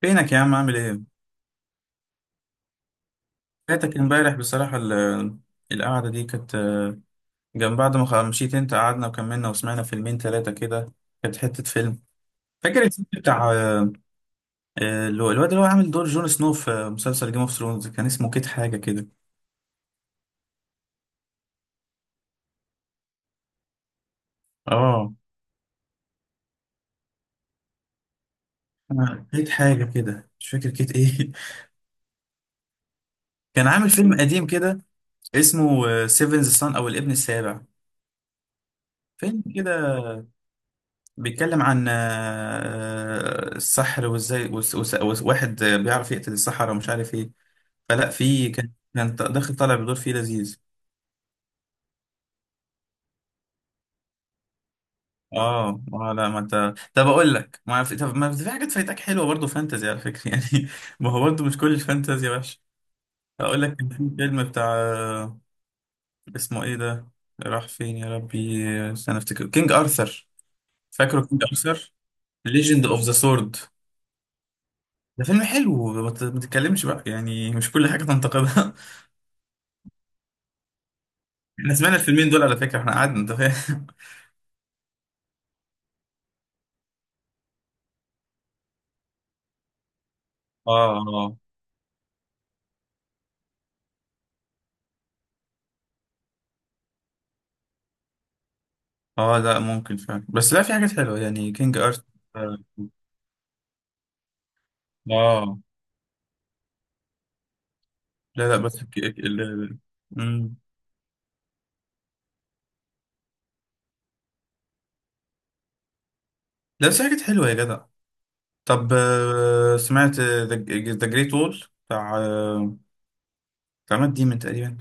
فينك يا عم؟ عامل ايه؟ فاتك امبارح بصراحة القعدة دي كانت جنب بعد ما مشيت انت. قعدنا وكملنا وسمعنا فيلمين ثلاثة كده. كانت حتة فيلم. فاكر الفيلم بتاع الواد اللي هو عامل دور جون سنو في مسلسل جيم اوف ثرونز، كان اسمه كيت حاجة كده. اه، كيت حاجة كده، مش فاكر كيت ايه. كان عامل فيلم قديم كده اسمه سيفنز سان، او الابن السابع. فيلم كده بيتكلم عن السحر وازاي واحد بيعرف يقتل السحرة ومش عارف ايه. فلا، في كان داخل طالع بدور فيه، لذيذ. اه، اه، لا، ما انت طب اقول لك ما في، طب ما في حاجات فايتك حلوه برضه فانتزي على فكره. يعني ما هو برضه مش كل الفانتزي وحش. اقول لك كان في فيلم بتاع اسمه ايه ده، راح فين يا ربي؟ استنى افتكر، كينج ارثر. فاكره كينج ارثر؟ ليجند اوف ذا سورد. ده فيلم حلو، ما تتكلمش بقى، يعني مش كل حاجه تنتقدها. احنا سمعنا الفيلمين دول على فكرة، احنا قعدنا، انت فاهم. اه، اه، اه، لا ممكن فعلا، بس لا في حاجات حلوة، يعني كينج ارت. اه. آه. لا لا بس مم. لا بس في حاجات حلوة يا جدع. طب سمعت ذا جريت وول؟ بتاع بتاع مات ديمن تقريبا،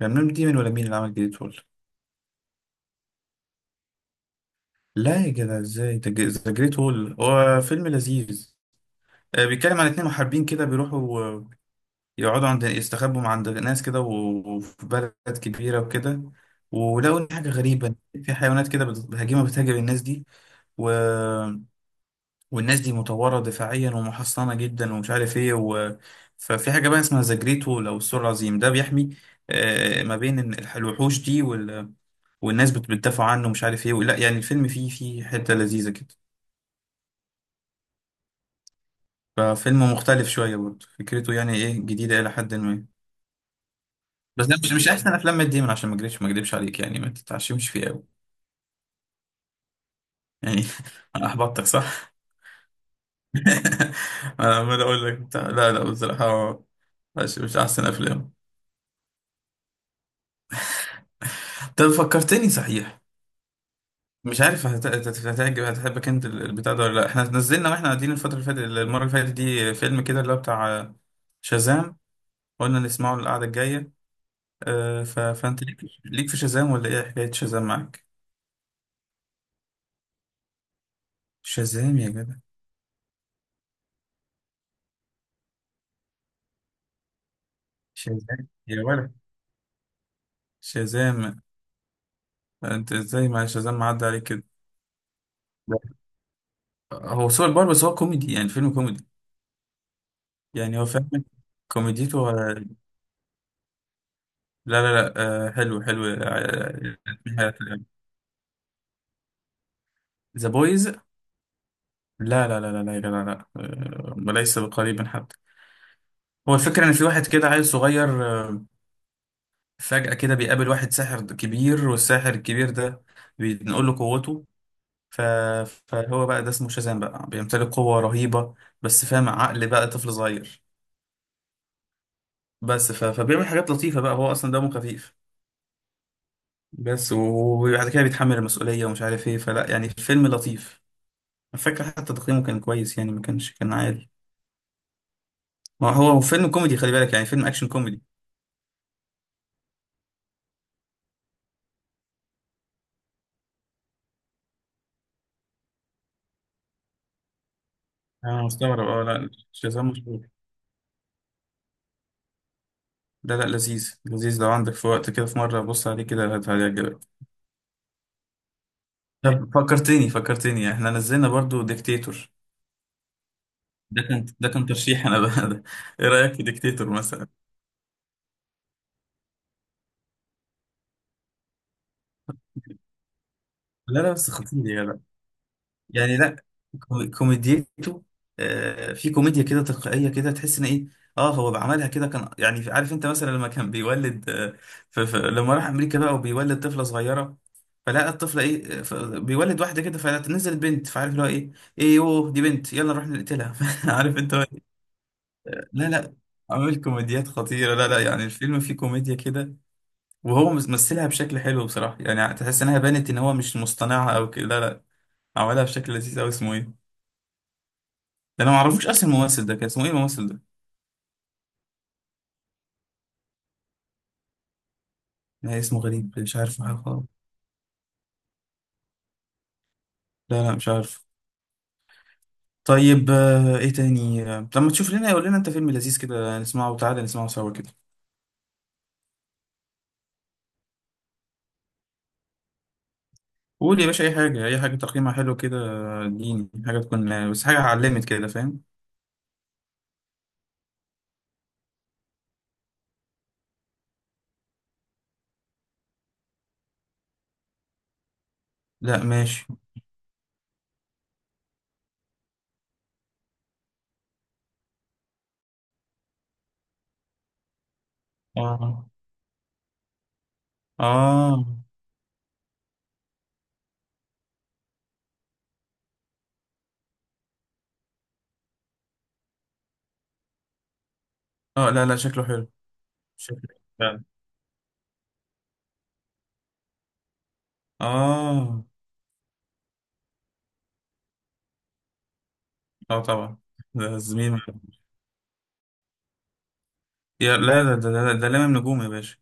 كان مات ديمن ولا مين اللي عمل جريت وول؟ لا يا جدع ازاي، ذا جريت وول هو فيلم لذيذ. بيتكلم عن اتنين محاربين كده بيروحوا يقعدوا عند، يستخبوا مع عند ناس كده وفي بلد كبيرة وكده. ولقوا إن حاجة غريبة، في حيوانات كده هجيمة بتهاجم الناس دي، و... والناس دي مطورة دفاعيا ومحصنة جدا ومش عارف ايه. و... ففي حاجة بقى اسمها زجريتو لو، السور العظيم ده بيحمي ما بين إن الوحوش دي، وال... والناس بتدافع عنه ومش عارف ايه. لا يعني الفيلم فيه، فيه حتة لذيذة كده. ففيلم مختلف شوية برضه، فكرته يعني ايه جديدة إلى حد ما. بس ده مش احسن افلام مات ديمون، عشان ما اكذبش عليك، يعني ما تتعشمش فيه قوي. يعني انا احبطتك صح. انا عمال اقول لك بتاع، لا لا بصراحه مش احسن افلام. طب فكرتني صحيح، مش عارف هتعجب، هتحبك انت البتاع ده ولا لا. احنا نزلنا واحنا قاعدين الفتره اللي فاتت، المره اللي فاتت دي، فيلم كده اللي هو بتاع شازام، قلنا نسمعه القعده الجايه. فانت ليك، ليك في شازام؟ ولا ايه حكايه شازام معاك؟ شازام يا جدع، شازام يا ولد، شازام، يعني انت ازاي مع شازام معدي عليك كده؟ هو سوبر باور بس هو كوميدي، يعني فيلم كوميدي، يعني هو فاهم، كوميديته لا لا لا. حلو حلو. ذا بويز؟ لا لا لا لا لا يا جدع، لا وليس بقريب حتى. هو الفكرة إن في واحد كده عيل صغير، فجأة كده بيقابل واحد ساحر كبير، والساحر الكبير ده بينقل له قوته. ف... فهو بقى ده اسمه شازام بقى، بيمتلك قوة رهيبة بس فاهم عقل بقى طفل صغير. بس ف... فبيعمل حاجات لطيفة بقى، هو أصلا دمه خفيف. بس وبعد كده بيتحمل المسؤولية ومش عارف إيه، فلا يعني فيلم لطيف. أنا فاكر حتى تقييمه كان كويس، يعني ما كانش كان عالي. ما هو هو فيلم كوميدي، خلي بالك، يعني فيلم أكشن كوميدي. أنا مستغرب أه، لا شازام مشهور. لا لا، لذيذ لذيذ، لو عندك في وقت كده في مرة بص عليه كده، هيعجبك. طب فكرتني، فكرتني إحنا نزلنا برضو ديكتاتور. ده كان، ده كان ترشيح أنا بقى. ده إيه رأيك في ديكتاتور مثلا؟ لا لا بس خطير يا جدع، يعني لا، كوميديته في كوميديا كده تلقائيه كده، تحس ان ايه. اه هو بعملها كده، كان يعني عارف انت مثلا لما كان بيولد، لما راح امريكا بقى وبيولد طفله صغيره، فلقى الطفله ايه، بيولد واحده كده فنزلت بنت، فعارف اللي هو ايه، ايه يوه دي بنت يلا نروح نقتلها. عارف انت لا لا، عامل كوميديات خطيره، لا لا يعني الفيلم فيه كوميديا كده. وهو مثلها بشكل حلو بصراحه، يعني تحس انها بانت ان هو مش مصطنعها او كده، لا لا، عملها بشكل لذيذ قوي. اسمه ايه ده؟ انا ما اعرفوش اصلا الممثل ده، كان اسمه ايه الممثل ده؟ لا اسمه غريب، مش عارف حاجه خالص. لا لا مش عارف. طيب ايه تاني؟ لما تشوف لنا قول لنا انت فيلم لذيذ كده، نسمعه وتعالى نسمعه سوا كده. قول يا باشا، اي حاجه، اي حاجه تقييمها حلو كده، اديني حاجه تكون بس حاجه علمت كده فاهم. لا ماشي. اه، اه، اه، لا لا شكله حلو. شكله حلو فعلا. اه. اه طبعا، ده زميل. يا لا، ده لامم نجوم يا باشا.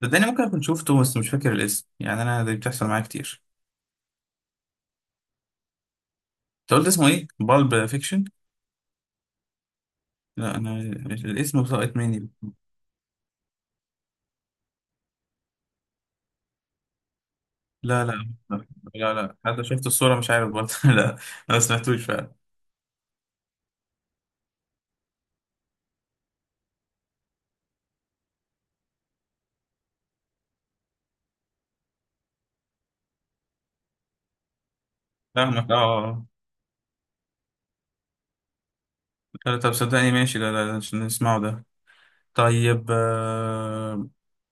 ده انا ممكن اكون شفته بس مش فاكر الاسم، يعني انا دي بتحصل معايا كتير. انت قلت اسمه ايه؟ بالب فيكشن؟ لا انا الاسم سقط مني. لا لا لا لا. حتى شفت الصورة مش عارف برضه. لا انا ما سمعتوش فعلا. فاهمك، اه، آه. آه. لا، طب صدقني ماشي، لا لا لا، عشان نسمعه ده. طيب آه،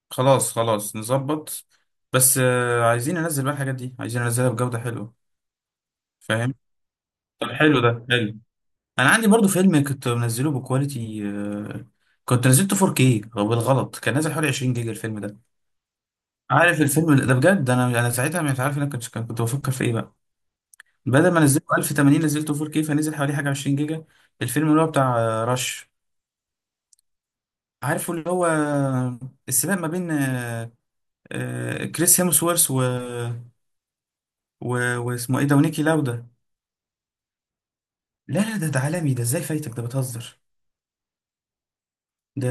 خلاص خلاص نظبط، بس آه عايزين ننزل بقى الحاجات دي، عايزين ننزلها بجودة حلوة، فاهم. طب حلو، ده حلو. انا عندي برضه فيلم كنت منزله بكواليتي آه، كنت نزلته 4K بالغلط، كان نازل حوالي 20 جيجا الفيلم ده. عارف الفيلم ده بجد انا، انا ساعتها مش عارف انا كنت بفكر في ايه بقى، بدل ما نزلته 1080 نزلته 4K، فنزل حوالي حاجه 20 جيجا. الفيلم اللي هو بتاع رش، عارفه اللي هو السباق ما بين كريس هيمسورث، و... و... واسمه ايه ده، ونيكي لاودا. لا لا ده ده عالمي، ده ازاي فايتك؟ ده بتهزر. ده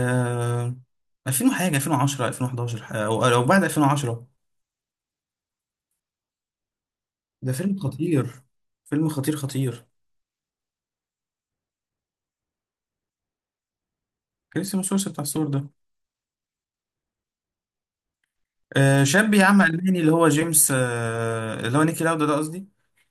2000 وحاجه، 2010، 2011، او او بعد 2010. ده فيلم خطير، فيلم خطير خطير. كريس هيمسورث بتاع الصور ده، شاب يا عم ألماني، اللي هو جيمس، اللي هو نيكي لاودا ده قصدي،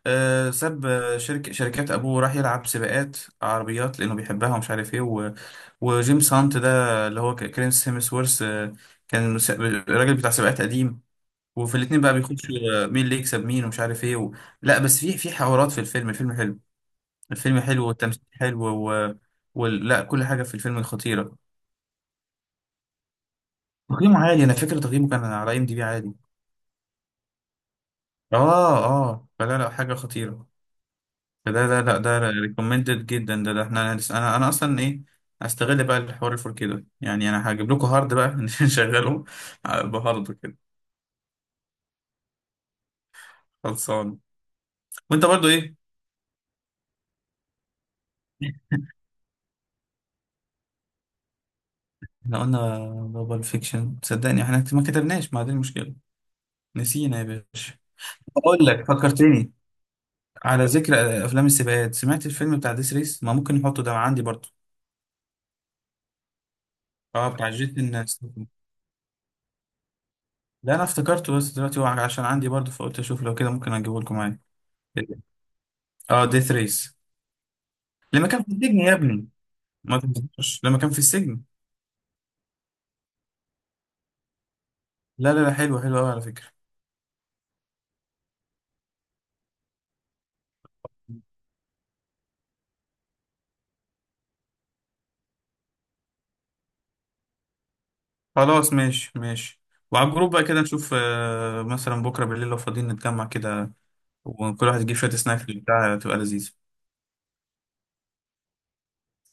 ساب آه، شركة شركات أبوه وراح يلعب سباقات عربيات لأنه بيحبها ومش عارف إيه. و... وجيمس هانت ده اللي هو كريس هيمسورث، كان الراجل بتاع سباقات قديم. وفي الاتنين بقى بيخشوا مين اللي يكسب مين ومش عارف إيه. و... لا بس في حوارات في الفيلم، الفيلم حلو، الفيلم حلو والتمثيل حلو. و... وال... لا كل حاجة في الفيلم خطيرة. تقييمه عالي، أنا فاكر تقييمه كان على IMDb عالي. آه، آه، فلا لا، حاجة خطيرة. ده ده لا ده ريكومندد جدا، ده احنا انا، انا اصلا ايه، هستغل بقى الحوار الفور كده، يعني انا هجيب لكم هارد بقى. نشغله بهارد كده. خلصان. وانت برضو ايه؟ احنا قلنا بابل فيكشن، صدقني احنا ما كتبناش، ما دي المشكله، نسينا يا باشا. اقول لك فكرتني، على ذكر افلام السباقات، سمعت الفيلم بتاع ديس ريس؟ ما ممكن نحطه، ده عندي برضو. اه بتاع جيت الناس. لا انا افتكرته بس دلوقتي هو عشان عندي برضو، فقلت اشوف لو كده ممكن اجيبه لكم معايا. اه ديث ريس، لما كان في السجن يا ابني. ما تنساش لما كان في السجن. لا لا لا، حلو حلو قوي على فكرة. خلاص ماشي ماشي. وعلى الجروب بقى كده نشوف مثلا بكرة بالليل لو فاضيين نتجمع كده. وكل واحد يجيب شوية سناكس بتاع تبقى لذيذة.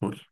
فول.